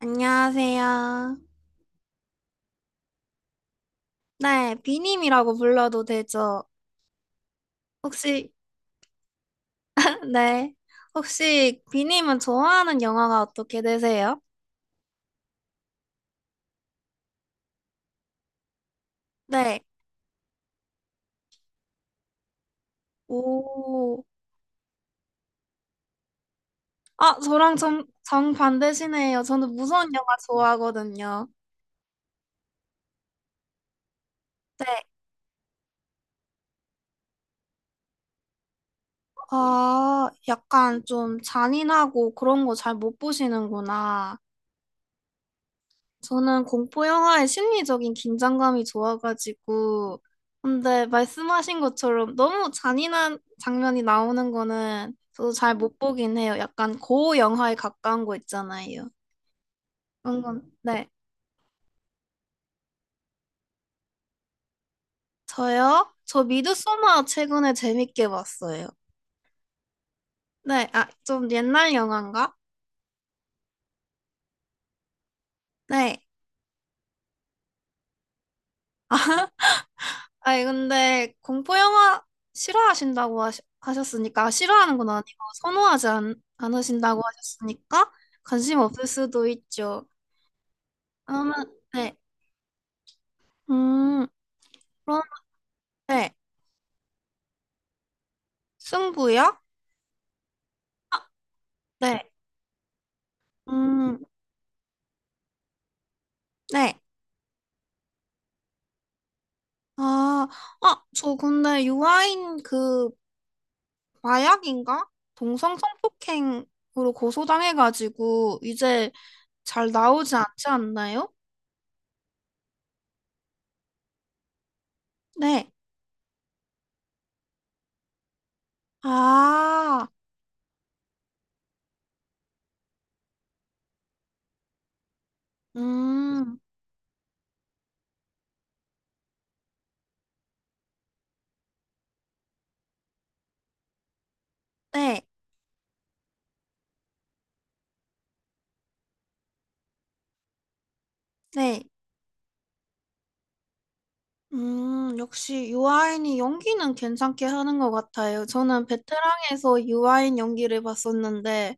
안녕하세요. 네, 비님이라고 불러도 되죠? 혹시, 네. 혹시 비님은 좋아하는 영화가 어떻게 되세요? 네. 오. 아, 저랑 정반대시네요. 저는 무서운 영화 좋아하거든요. 네. 아, 약간 좀 잔인하고 그런 거 잘 못 보시는구나. 저는 공포 영화의 심리적인 긴장감이 좋아가지고, 근데 말씀하신 것처럼 너무 잔인한 장면이 나오는 거는 저도 잘 못 보긴 해요. 약간 고어 영화에 가까운 거 있잖아요. 그런 건, 네. 저요? 저 미드소마 최근에 재밌게 봤어요. 네, 아, 좀 옛날 영화인가? 네. 아니, 근데 공포 영화 싫어하신다고 하셨으니까, 아, 싫어하는 건 아니고, 선호하지 않으신다고 하셨으니까, 관심 없을 수도 있죠. 그러면, 네. 음, 그럼, 네. 승부요? 네. 음, 네. 아, 아, 저 근데 유아인 그 마약인가? 동성 성폭행으로 고소당해가지고, 이제 잘 나오지 않지 않나요? 네. 아, 음, 네. 네. 역시 유아인이 연기는 괜찮게 하는 것 같아요. 저는 베테랑에서 유아인 연기를 봤었는데,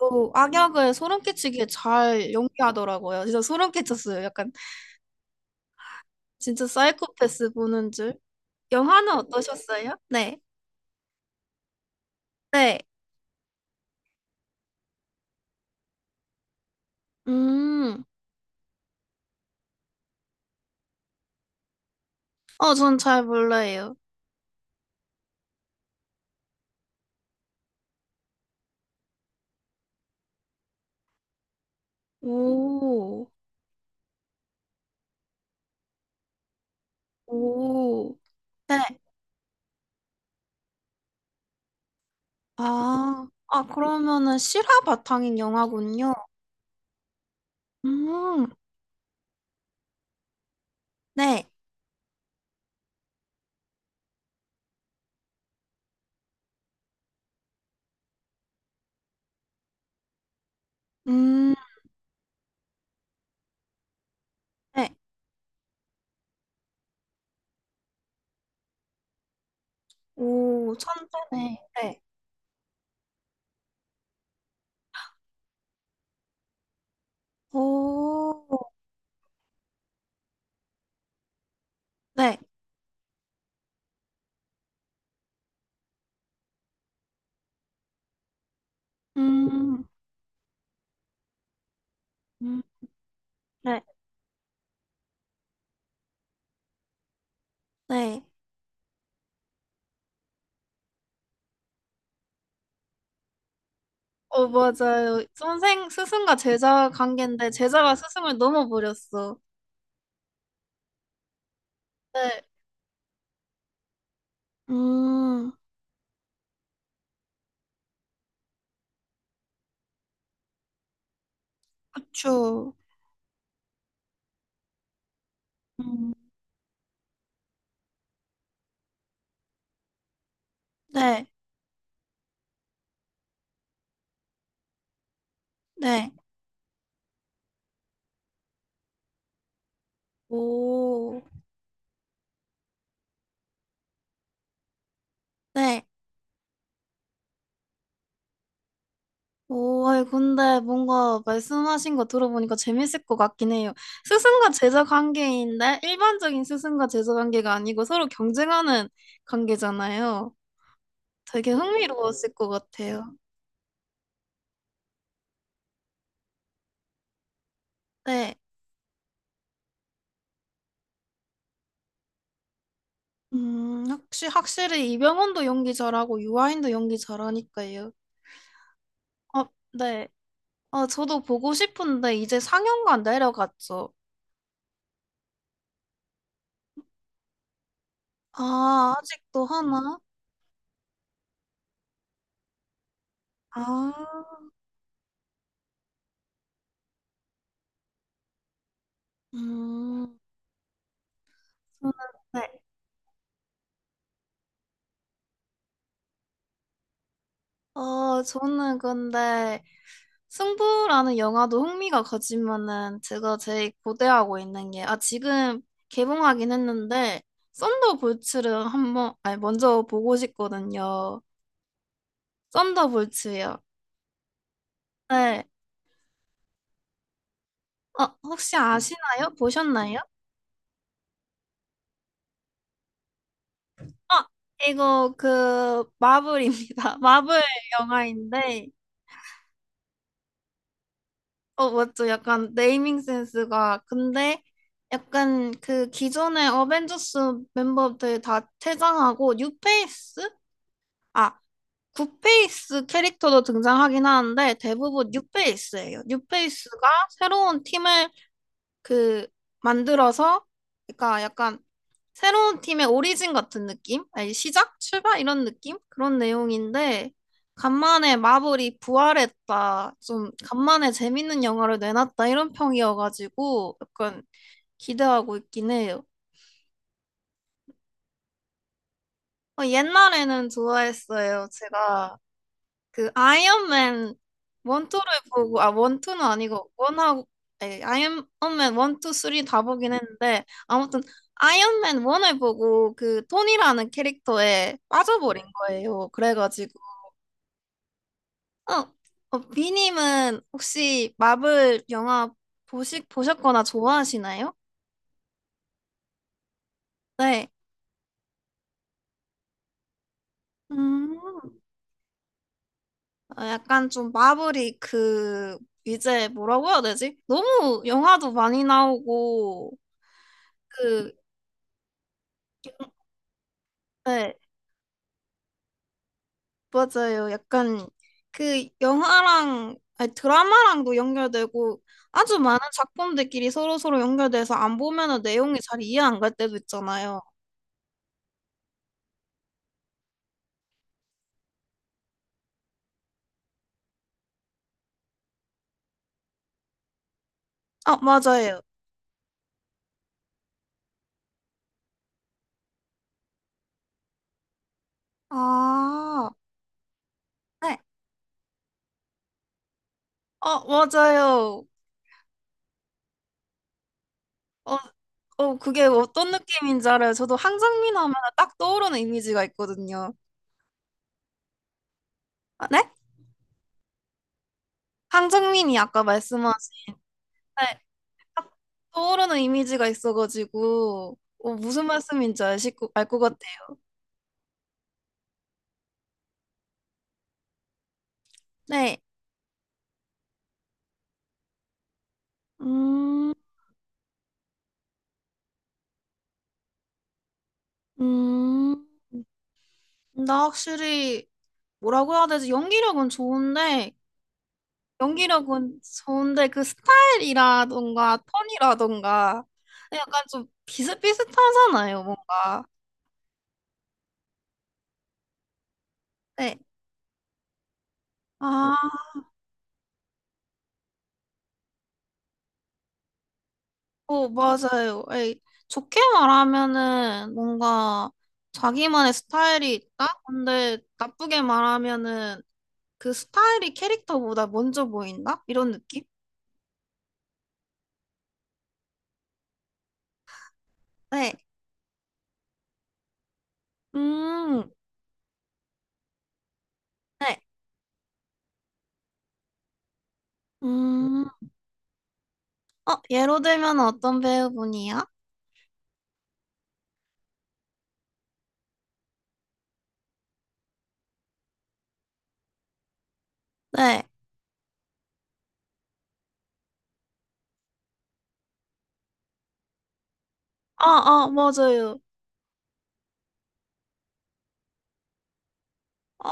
어, 악역을 소름 끼치게 잘 연기하더라고요. 진짜 소름 끼쳤어요. 약간 진짜 사이코패스 보는 줄. 영화는 어떠셨어요? 네. 네. 음, 어, 전 잘 몰라요. 오, 오, 네. 아, 아, 그러면은 실화 바탕인 영화군요. 음, 네. 음, 네. 오, 천재네. 네. 오, 네. 음, 음, 네. 네. 어, 맞아요. 선생, 스승과 제자 관계인데, 제자가 스승을 넘어버렸어. 네. 음, 그쵸. 음. 네. 네. 오, 네. 오, 아니, 근데 뭔가 말씀하신 거 들어보니까 재밌을 것 같긴 해요. 스승과 제자 관계인데, 일반적인 스승과 제자 관계가 아니고 서로 경쟁하는 관계잖아요. 되게 흥미로웠을 것 같아요. 네. 혹시 확실히 이병헌도 연기 잘하고 유아인도 연기 잘하니까요. 어, 네. 아 저도 보고 싶은데 이제 상영관 내려갔죠. 아, 아직도 하나? 아, 음, 저는, 네. 어, 저는 근데 승부라는 영화도 흥미가 가지만은 제가 제일 고대하고 있는 게, 아, 지금 개봉하긴 했는데, 썬더볼츠를 한번, 아니, 먼저 보고 싶거든요. 썬더볼츠요. 네. 어, 혹시 아시나요? 보셨나요? 아, 이거 그 마블입니다. 마블 영화인데, 어, 맞죠? 약간 네이밍 센스가. 근데 약간 그 기존의 어벤져스 멤버들 다 퇴장하고, 뉴페이스? 아 굿페이스 캐릭터도 등장하긴 하는데 대부분 뉴페이스예요 뉴페이스가 새로운 팀을 그 만들어서 그러니까 약간 새로운 팀의 오리진 같은 느낌? 아니, 시작? 출발? 이런 느낌? 그런 내용인데 간만에 마블이 부활했다. 좀 간만에 재밌는 영화를 내놨다. 이런 평이어가지고 약간 기대하고 있긴 해요. 어, 옛날에는 좋아했어요. 제가 그 아이언맨 원투를 보고 아 원투는 아니고 원하고 아이언맨 원투 쓰리 다 보긴 했는데 아무튼 아이언맨 원을 보고 그 톤이라는 캐릭터에 빠져버린 거예요. 그래가지고 어, 어 비님은 혹시 마블 영화 보시 보셨거나 좋아하시나요? 네. 음, 약간 좀 마블이 그 이제 뭐라고 해야 되지? 너무 영화도 많이 나오고 그 네. 맞아요. 약간 그 영화랑 아니, 드라마랑도 연결되고 아주 많은 작품들끼리 서로서로 연결돼서 안 보면은 내용이 잘 이해 안 갈 때도 있잖아요. 아, 맞아요. 아, 네. 어, 맞아요. 어, 그게 어떤 느낌인지 알아요. 저도 황정민 하면 딱 떠오르는 이미지가 있거든요. 아, 네? 황정민이 아까 말씀하신 네, 딱 떠오르는 이미지가 있어가지고 어, 무슨 말씀인지 알것 같아요. 네. 음, 음, 나 확실히 뭐라고 해야 되지? 연기력은 좋은데, 연기력은 좋은데 그 스타일이라던가 톤이라던가 약간 좀 비슷비슷하잖아요, 뭔가. 네. 아, 어, 맞아요. 에이, 좋게 말하면은 뭔가 자기만의 스타일이 있다? 근데 나쁘게 말하면은 그 스타일이 캐릭터보다 먼저 보인다? 이런 느낌? 네. 음, 네. 음. 예로 들면 어떤 배우분이요? 네. 아, 아, 맞아요. 어,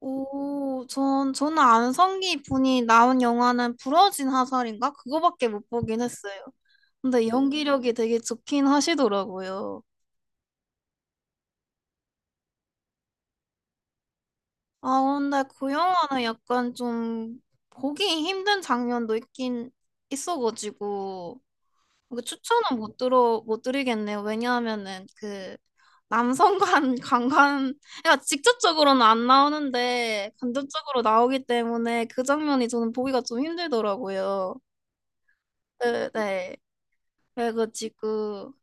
오, 저는 안성기 분이 나온 영화는 부러진 화살인가? 그거밖에 못 보긴 했어요. 근데 연기력이 되게 좋긴 하시더라고요. 아, 근데 그 영화는 약간 좀 보기 힘든 장면도 있긴 있어가지고. 그 추천은 못 드리겠네요. 왜냐하면은 그 남성관 관관 그러니까 직접적으로는 안 나오는데 간접적으로 나오기 때문에 그 장면이 저는 보기가 좀 힘들더라고요. 네, 네. 그래가지고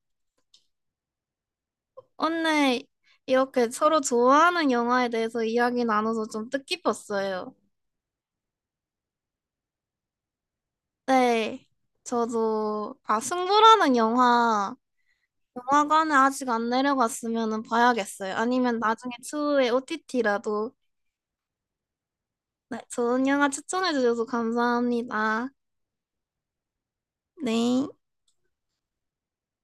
오늘 이렇게 서로 좋아하는 영화에 대해서 이야기 나눠서 좀 뜻깊었어요. 네. 저도 아 승부라는 영화 영화관에 아직 안 내려갔으면은 봐야겠어요. 아니면 나중에 추후에 OTT라도 네, 좋은 영화 추천해 주셔서 감사합니다. 네.